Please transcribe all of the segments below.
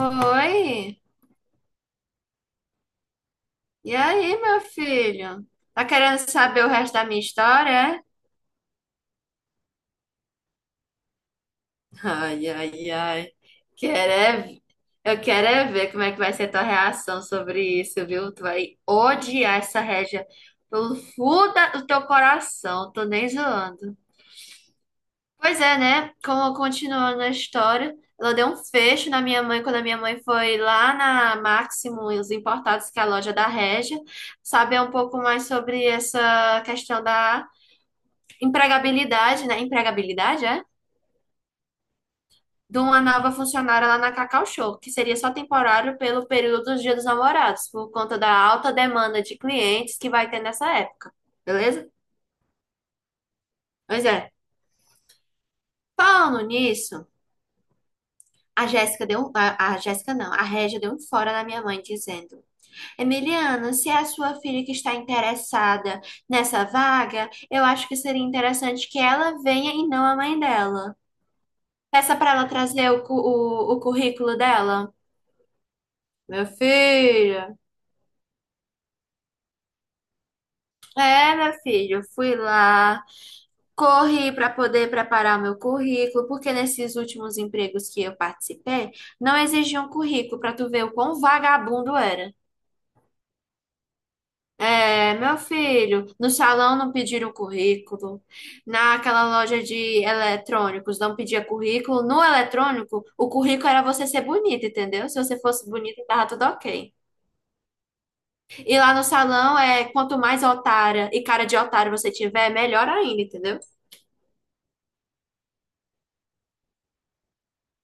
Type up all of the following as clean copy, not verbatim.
Oi, e aí, meu filho? Tá querendo saber o resto da minha história, é? Ai, ai, ai. Quero é v- Eu quero é ver como é que vai ser tua reação sobre isso, viu? Tu vai odiar essa Régia pelo fundo do teu coração, tô nem zoando. Pois é, né? Como continuando a história, ela deu um fecho na minha mãe quando a minha mãe foi lá na Máximo e os Importados, que é a loja da Régia, saber um pouco mais sobre essa questão da empregabilidade, né? Empregabilidade, é? De uma nova funcionária lá na Cacau Show, que seria só temporário pelo período dos Dias dos Namorados, por conta da alta demanda de clientes que vai ter nessa época, beleza? Pois é. Falando nisso, a Jéssica deu um, a Jéssica não, a Régia deu um fora na minha mãe dizendo: Emiliano, se é a sua filha que está interessada nessa vaga, eu acho que seria interessante que ela venha e não a mãe dela. Peça para ela trazer o currículo dela. Meu filho, é, meu filho, eu fui lá, corri para poder preparar meu currículo, porque nesses últimos empregos que eu participei, não exigiam currículo para tu ver o quão vagabundo era. É, meu filho, no salão não pediram currículo, naquela loja de eletrônicos não pedia currículo, no eletrônico o currículo era você ser bonita, entendeu? Se você fosse bonita, tava tudo ok. E lá no salão é quanto mais otária e cara de otário você tiver, melhor ainda, entendeu?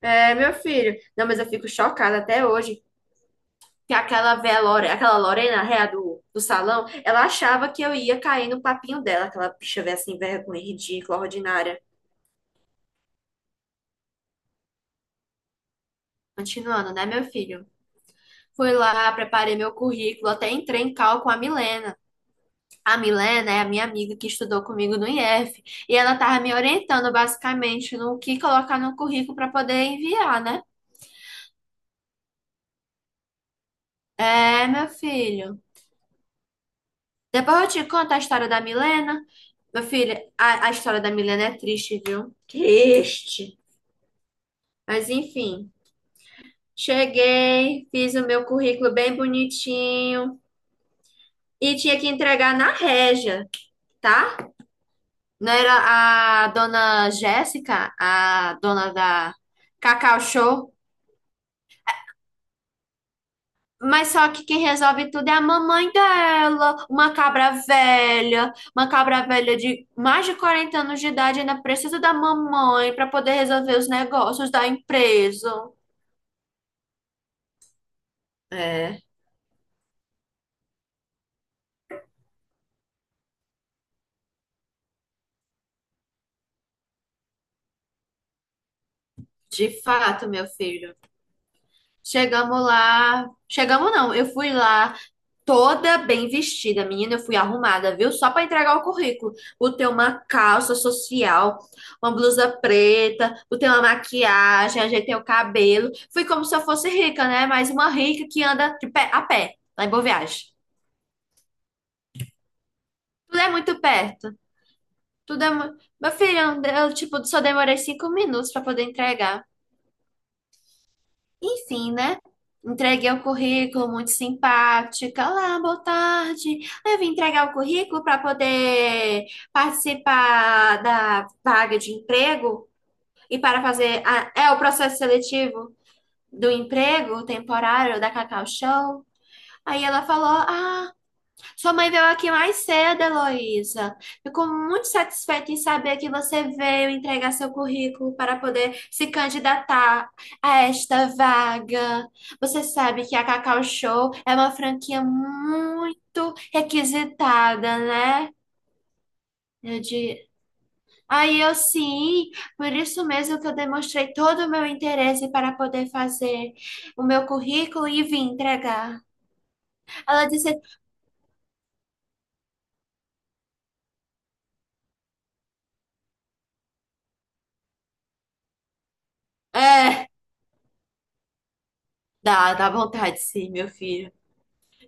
É, meu filho, não, mas eu fico chocada até hoje que aquela Lorena, a réa do salão, ela achava que eu ia cair no papinho dela, aquela bicha véia assim, vergonha, ridícula, ordinária. Continuando, né, meu filho? Fui lá, preparei meu currículo, até entrei em cal com a Milena. A Milena é a minha amiga que estudou comigo no IF e ela estava me orientando basicamente no que colocar no currículo para poder enviar, né? É, meu filho. Depois eu te conto a história da Milena. Meu filho, a história da Milena é triste, viu? Triste. Mas enfim, cheguei, fiz o meu currículo bem bonitinho e tinha que entregar na Régia, tá? Não era a dona Jéssica, a dona da Cacau Show? Mas só que quem resolve tudo é a mamãe dela, uma cabra velha de mais de 40 anos de idade, ainda precisa da mamãe para poder resolver os negócios da empresa. É, de fato, meu filho. Chegamos lá. Chegamos não, eu fui lá toda bem vestida, menina, eu fui arrumada, viu? Só para entregar o currículo. Botei uma calça social, uma blusa preta, botei uma maquiagem, ajeitei o cabelo. Fui como se eu fosse rica, né? Mas uma rica que anda de pé, a pé, lá em Boa Viagem. Tudo é muito perto. Tudo é muito. Meu filho, eu, tipo, só demorei 5 minutos para poder entregar. Enfim, né? Entreguei o currículo, muito simpática. Olá, boa tarde. Eu vim entregar o currículo para poder participar da vaga de emprego e para fazer é o processo seletivo do emprego temporário da Cacau Show. Aí ela falou: Ah, sua mãe veio aqui mais cedo, Heloísa. Fico muito satisfeita em saber que você veio entregar seu currículo para poder se candidatar a esta vaga. Você sabe que a Cacau Show é uma franquia muito requisitada, né? Eu di- Aí eu sim, por isso mesmo que eu demonstrei todo o meu interesse para poder fazer o meu currículo e vim entregar. Ela disse: É, dá vontade sim, meu filho.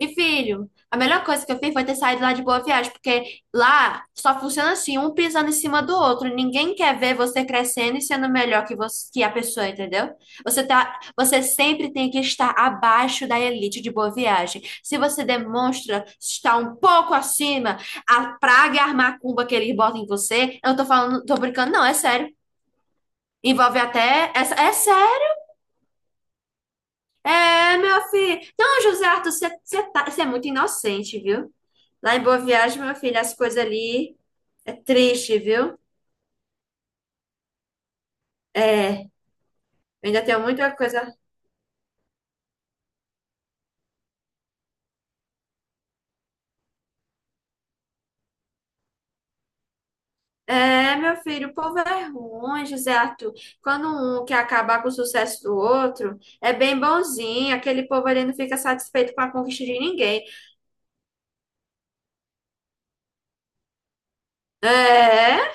E, filho, a melhor coisa que eu fiz foi ter saído lá de Boa Viagem, porque lá só funciona assim, um pisando em cima do outro. Ninguém quer ver você crescendo e sendo melhor que você, que a pessoa, entendeu? Você sempre tem que estar abaixo da elite de Boa Viagem. Se você demonstra estar um pouco acima, a praga e a macumba que eles botam em você, eu não tô falando, tô brincando, não, é sério. Envolve até, é sério. É, meu filho. Não, José Arthur, você é muito inocente, viu? Lá em Boa Viagem, meu filho, as coisas ali é triste, viu? É, eu ainda tenho muita coisa. É, meu filho, o povo é ruim, José Arthur. Quando um quer acabar com o sucesso do outro, é bem bonzinho. Aquele povo ali não fica satisfeito com a conquista de ninguém. É.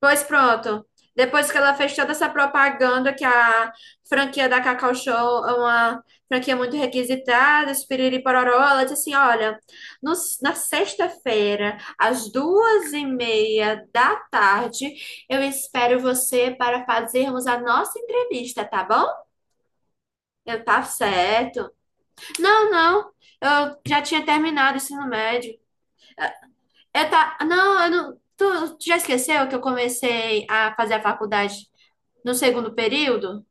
Pois pronto. Depois que ela fez toda essa propaganda que a franquia da Cacau Show é uma franquia muito requisitada, esse piriri pororó, ela disse assim: olha, no- na sexta-feira, às 2:30 da tarde, eu espero você para fazermos a nossa entrevista, tá bom? Tá certo. Não, não, eu já tinha terminado o ensino médio. Eu tá, não, eu não, tu já esqueceu que eu comecei a fazer a faculdade no segundo período?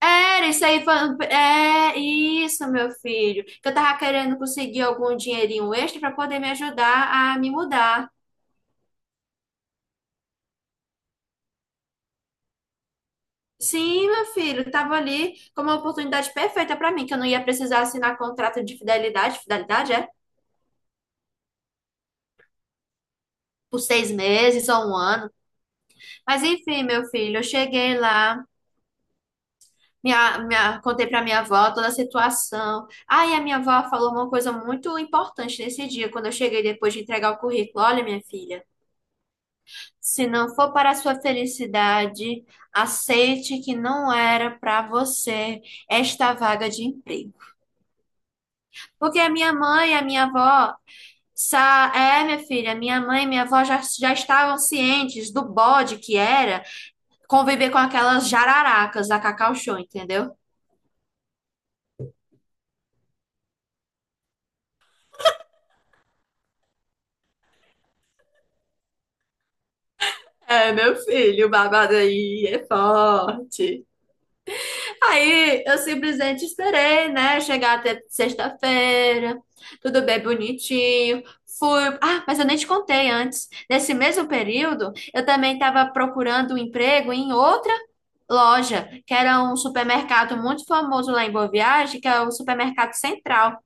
Era isso aí, é isso, meu filho. Que eu tava querendo conseguir algum dinheirinho extra para poder me ajudar a me mudar. Sim, meu filho, tava ali como uma oportunidade perfeita para mim, que eu não ia precisar assinar contrato de fidelidade, fidelidade é? Por 6 meses ou um ano. Mas enfim, meu filho, eu cheguei lá, contei para minha avó toda a situação. Aí a minha avó falou uma coisa muito importante nesse dia, quando eu cheguei depois de entregar o currículo. Olha, minha filha. Se não for para a sua felicidade, aceite que não era para você esta vaga de emprego. Porque a minha mãe, a minha avó, é, minha filha, minha mãe e minha avó já, estavam cientes do bode que era conviver com aquelas jararacas da Cacau Show, entendeu? É, meu filho, o babado aí é forte. Aí eu simplesmente esperei, né? Chegar até sexta-feira, tudo bem bonitinho. Fui. Ah, mas eu nem te contei antes. Nesse mesmo período, eu também estava procurando um emprego em outra loja, que era um supermercado muito famoso lá em Boa Viagem, que é o Supermercado Central,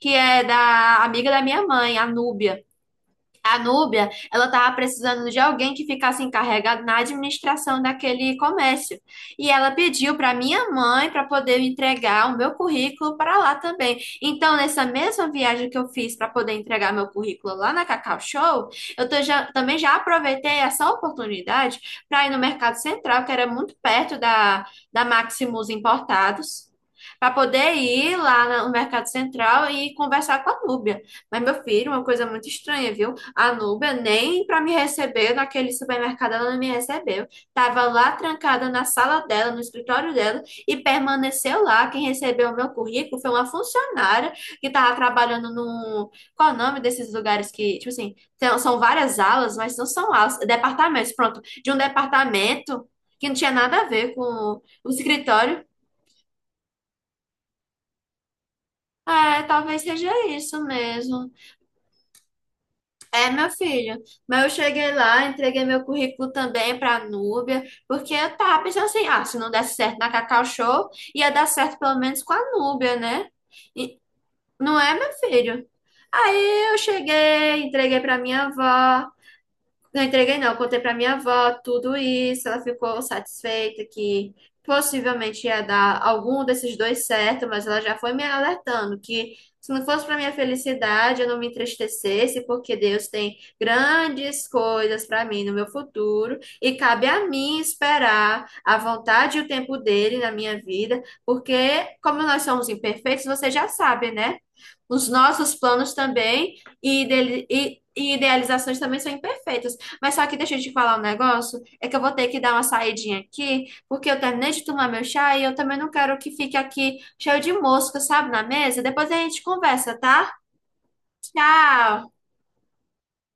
que é da amiga da minha mãe, a Núbia. A Núbia, ela estava precisando de alguém que ficasse encarregado na administração daquele comércio. E ela pediu para minha mãe para poder entregar o meu currículo para lá também. Então, nessa mesma viagem que eu fiz para poder entregar meu currículo lá na Cacau Show, eu também já aproveitei essa oportunidade para ir no Mercado Central, que era muito perto da Maximus Importados, para poder ir lá no Mercado Central e conversar com a Núbia. Mas, meu filho, uma coisa muito estranha, viu? A Núbia nem para me receber naquele supermercado ela não me recebeu. Tava lá trancada na sala dela, no escritório dela, e permaneceu lá. Quem recebeu o meu currículo foi uma funcionária que tava trabalhando no. Qual é o nome desses lugares que, tipo assim, são várias alas, mas não são alas, departamentos, pronto, de um departamento que não tinha nada a ver com o escritório. É, talvez seja isso mesmo. É, meu filho. Mas eu cheguei lá, entreguei meu currículo também para a Núbia, porque eu tava pensando assim, ah, se não desse certo na Cacau Show, ia dar certo pelo menos com a Núbia, né? E- não é, meu filho? Aí eu cheguei, entreguei para minha avó. Não entreguei, não. Eu contei pra minha avó tudo isso. Ela ficou satisfeita que possivelmente ia dar algum desses dois certo, mas ela já foi me alertando que se não fosse pra minha felicidade, eu não me entristecesse, porque Deus tem grandes coisas pra mim no meu futuro e cabe a mim esperar a vontade e o tempo dele na minha vida, porque como nós somos imperfeitos, você já sabe, né? Os nossos planos também e, dele, e idealizações também são imperfeitas. Mas só que deixa eu te falar um negócio, é que eu vou ter que dar uma saidinha aqui, porque eu terminei de tomar meu chá e eu também não quero que fique aqui cheio de mosca, sabe, na mesa. Depois a gente conversa, tá? Tchau!